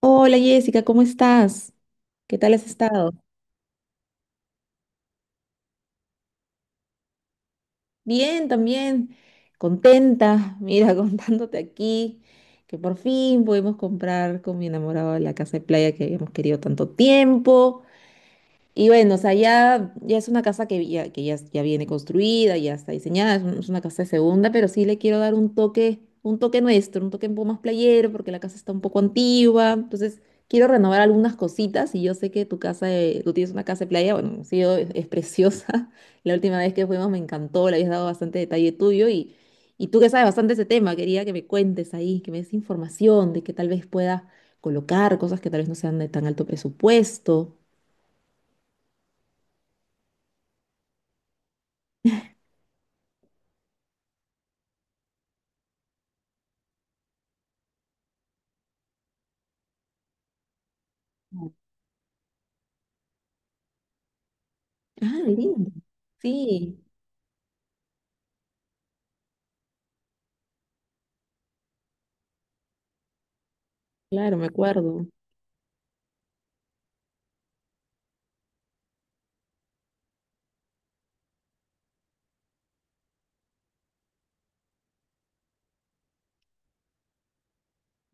Hola Jessica, ¿cómo estás? ¿Qué tal has estado? Bien, también. Contenta, mira, contándote aquí que por fin pudimos comprar con mi enamorado la casa de playa que habíamos querido tanto tiempo. Y bueno, o sea, ya es una casa que ya viene construida, ya está diseñada, es una casa de segunda, pero sí le quiero dar un toque nuestro, un toque un poco más playero, porque la casa está un poco antigua, entonces quiero renovar algunas cositas y yo sé que tu casa, tú tienes una casa de playa, bueno, sí, es preciosa, la última vez que fuimos me encantó, le habías dado bastante detalle tuyo, y tú que sabes bastante ese tema, quería que me cuentes ahí, que me des información de que tal vez pueda colocar cosas que tal vez no sean de tan alto presupuesto. Ah, lindo. Sí, claro, me acuerdo.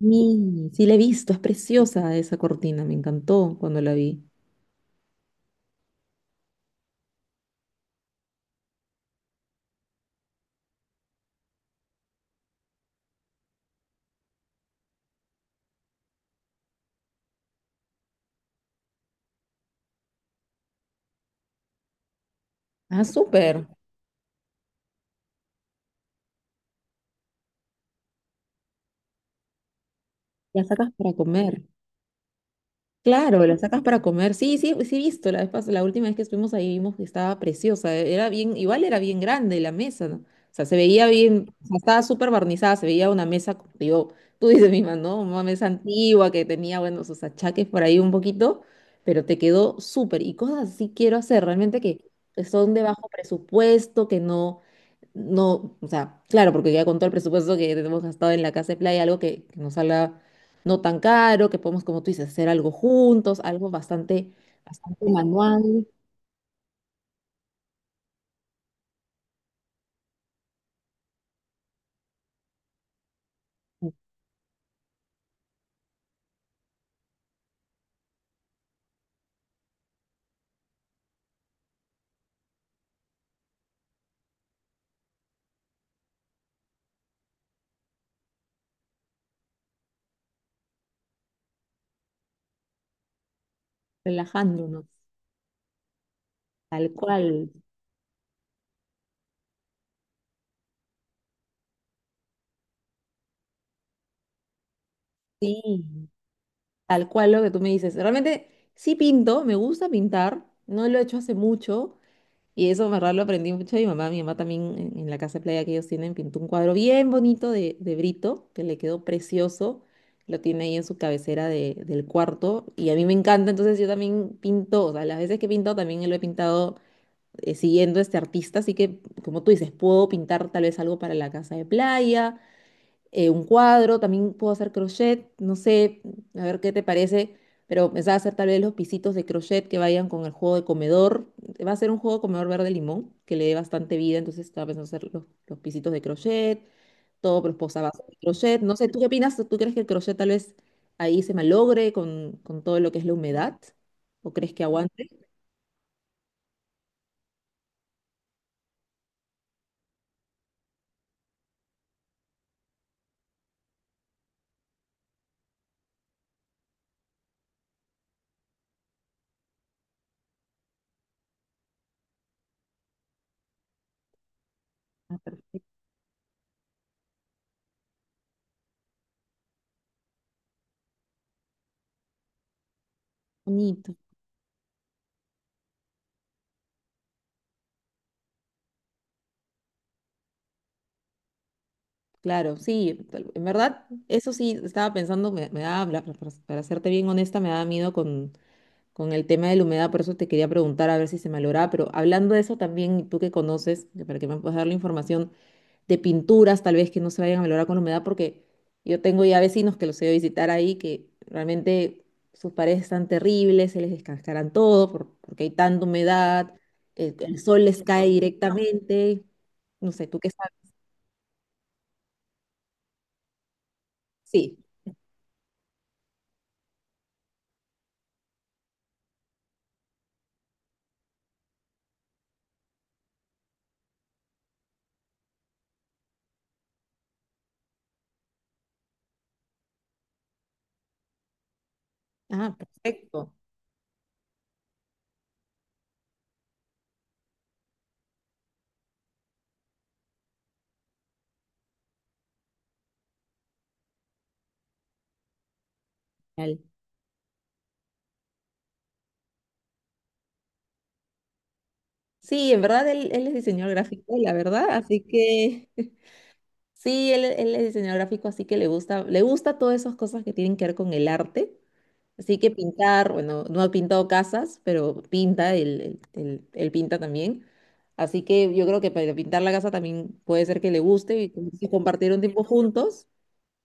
Sí, sí la he visto, es preciosa esa cortina, me encantó cuando la vi. Ah, súper. La sacas para comer. Claro, la sacas para comer. Sí, sí, sí he visto. La última vez que estuvimos ahí vimos que estaba preciosa. Era bien, igual era bien grande la mesa, ¿no? O sea, se veía bien, o sea, estaba súper barnizada, se veía una mesa, como te digo, tú dices misma, ¿no? Una mesa antigua que tenía, bueno, sus achaques por ahí un poquito, pero te quedó súper. Y cosas así quiero hacer, realmente que son de bajo presupuesto, que no, no, o sea, claro, porque ya con todo el presupuesto que tenemos gastado en la casa de playa, algo que nos salga no tan caro, que podemos, como tú dices, hacer algo juntos, algo bastante, bastante manual, relajándonos, tal cual, sí, tal cual lo que tú me dices. Realmente sí pinto, me gusta pintar, no lo he hecho hace mucho. Y eso, en verdad, lo aprendí mucho de mi mamá. Mi mamá también en la casa de playa que ellos tienen pintó un cuadro bien bonito de Brito, que le quedó precioso. Lo tiene ahí en su cabecera del cuarto. Y a mí me encanta, entonces yo también pinto. O sea, las veces que he pintado también lo he pintado siguiendo a este artista. Así que, como tú dices, puedo pintar tal vez algo para la casa de playa, un cuadro. También puedo hacer crochet, no sé, a ver qué te parece, pero pensaba hacer tal vez los pisitos de crochet que vayan con el juego de comedor. Va a ser un juego de comedor verde limón que le dé bastante vida, entonces estaba pensando hacer los pisitos de crochet, todos los posavasos de crochet. No sé, ¿tú qué opinas? ¿Tú crees que el crochet tal vez ahí se malogre con todo lo que es la humedad? ¿O crees que aguante? Ah, perfecto. Bonito. Claro, sí, en verdad, eso sí, estaba pensando, me daba, para serte bien honesta, me daba miedo con el tema de la humedad, por eso te quería preguntar a ver si se me lograba, pero hablando de eso también, y tú que conoces, que para que me puedas dar la información de pinturas, tal vez que no se vayan a valorar con la humedad, porque yo tengo ya vecinos que los he ido a visitar ahí, que realmente sus paredes están terribles, se les descascaran todo, porque hay tanta humedad, el sol les cae directamente, no sé, tú qué sabes, sí. Ah, perfecto. Genial. Sí, en verdad él es diseñador gráfico, la verdad, así que sí, él es diseñador gráfico, así que le gusta todas esas cosas que tienen que ver con el arte. Así que pintar, bueno, no ha pintado casas, pero pinta, él pinta también. Así que yo creo que para pintar la casa también puede ser que le guste y como dices, compartir un tiempo juntos.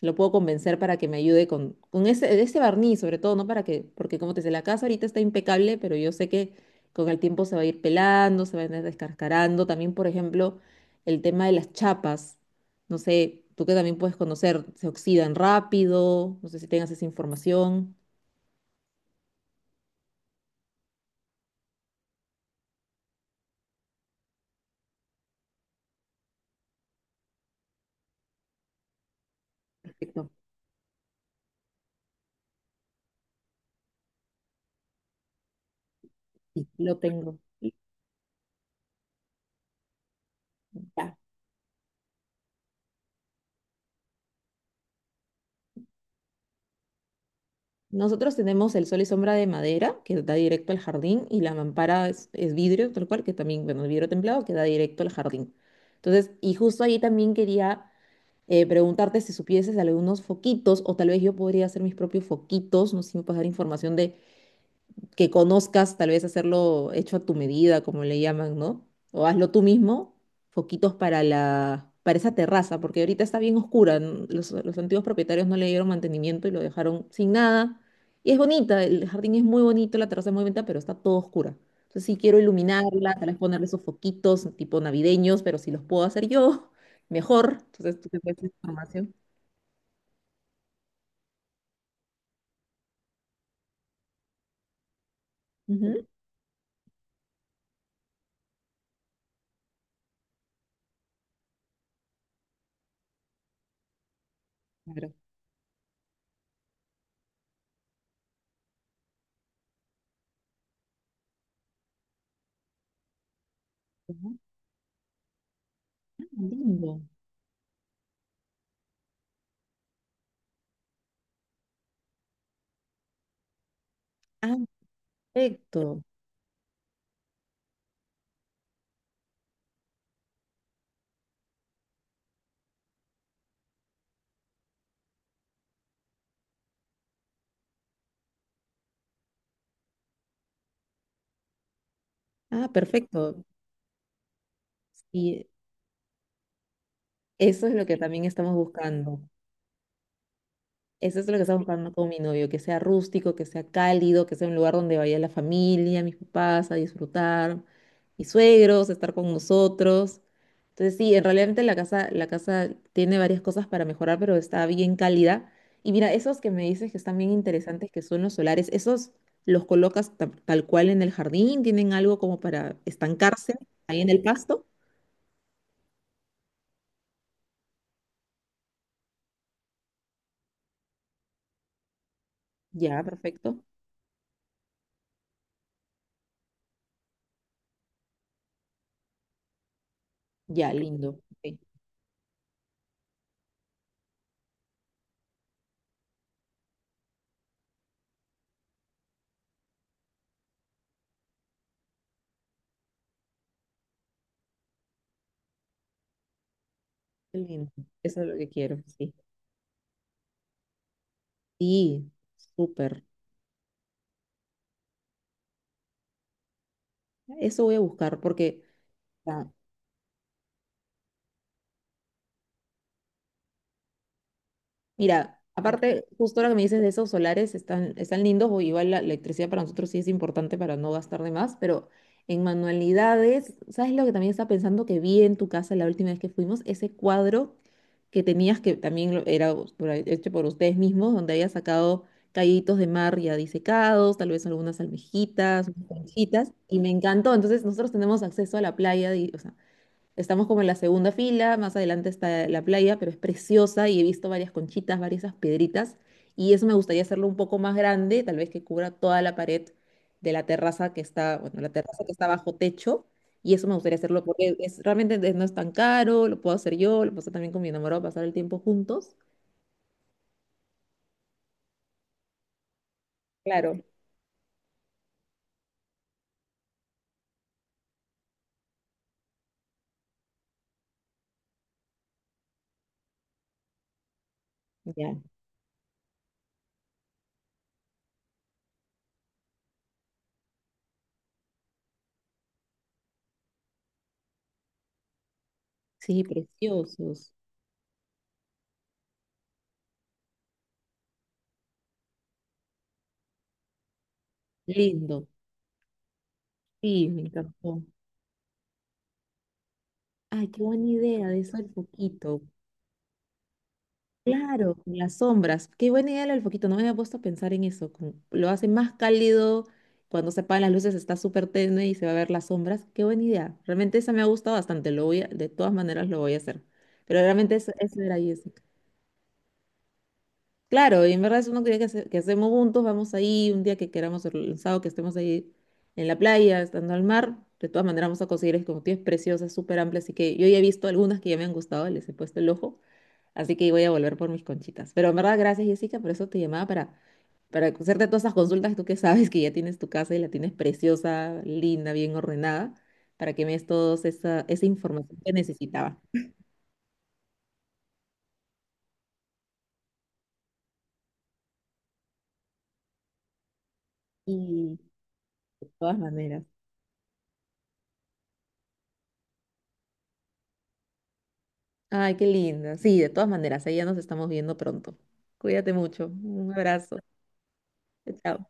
Lo puedo convencer para que me ayude con ese barniz, sobre todo, ¿no? Para que, porque como te decía, la casa ahorita está impecable, pero yo sé que con el tiempo se va a ir pelando, se va a ir descascarando. También, por ejemplo, el tema de las chapas. No sé, tú que también puedes conocer, se oxidan rápido. No sé si tengas esa información. Perfecto. Sí, lo tengo. Ya. Nosotros tenemos el sol y sombra de madera que da directo al jardín y la mampara es vidrio, tal cual, que también, bueno, el vidrio templado que da directo al jardín. Entonces, y justo ahí también quería preguntarte si supieses algunos foquitos o tal vez yo podría hacer mis propios foquitos, no sé si me puedes dar información de que conozcas, tal vez hacerlo hecho a tu medida, como le llaman, ¿no? O hazlo tú mismo, foquitos para la, para esa terraza, porque ahorita está bien oscura. Los antiguos propietarios no le dieron mantenimiento y lo dejaron sin nada. Y es bonita, el jardín es muy bonito, la terraza es muy bonita, pero está todo oscura. Entonces sí quiero iluminarla, tal vez ponerle esos foquitos tipo navideños, pero si los puedo hacer yo, mejor. Entonces tú te puedes hacer información. Ujú. Claro. Ah, lindo. Ah, perfecto. Ah, perfecto. Sí, eso es lo que también estamos buscando. Eso es lo que estamos buscando con mi novio, que sea rústico, que sea cálido, que sea un lugar donde vaya la familia, mis papás a disfrutar, mis suegros, a estar con nosotros. Entonces sí, en realidad la casa tiene varias cosas para mejorar, pero está bien cálida. Y mira, esos que me dices que están bien interesantes, que son los solares, ¿esos los colocas tal cual en el jardín? ¿Tienen algo como para estancarse ahí en el pasto? Ya, perfecto. Ya, lindo. Ok. Qué lindo. Eso es lo que quiero, sí. Sí, súper. Eso voy a buscar porque mira, aparte, justo ahora que me dices de esos solares, están lindos, o igual la electricidad para nosotros sí es importante para no gastar de más, pero en manualidades, ¿sabes lo que también estaba pensando que vi en tu casa la última vez que fuimos? Ese cuadro que tenías, que también lo- era us- por ahí- hecho por ustedes mismos, donde había sacado callitos de mar ya disecados, tal vez algunas almejitas, unas conchitas, y me encantó. Entonces, nosotros tenemos acceso a la playa, y estamos como en la segunda fila, más adelante está la playa, pero es preciosa y he visto varias conchitas, varias esas piedritas, y eso me gustaría hacerlo un poco más grande, tal vez que cubra toda la pared de la terraza que está, bueno, la terraza que está bajo techo, y eso me gustaría hacerlo porque es, realmente no es tan caro, lo puedo hacer yo, lo puedo hacer también con mi enamorado, pasar el tiempo juntos. Claro. Ya, sí, preciosos, lindo, sí, me encantó. Ay, qué buena idea de eso el foquito. Claro, con las sombras. Qué buena idea lo del foquito. No me había puesto a pensar en eso. Como lo hace más cálido. Cuando se apagan las luces está súper tenue y se va a ver las sombras. Qué buena idea. Realmente esa me ha gustado bastante. De todas maneras lo voy a hacer. Pero realmente eso era Jessica. Claro, y en verdad es uno actividad que, que hacemos juntos. Vamos ahí un día que queramos, el sábado que estemos ahí en la playa, estando al mar. De todas maneras vamos a conseguir, es como tienes preciosas, súper amplias. Así que yo ya he visto algunas que ya me han gustado. Les he puesto el ojo. Así que voy a volver por mis conchitas. Pero en verdad, gracias, Jessica, por eso te llamaba para hacerte todas esas consultas. Tú que sabes que ya tienes tu casa y la tienes preciosa, linda, bien ordenada, para que me des toda esa información que necesitaba. Y de todas maneras. Ay, qué linda. Sí, de todas maneras, ahí ya nos estamos viendo pronto. Cuídate mucho. Un abrazo. Chao.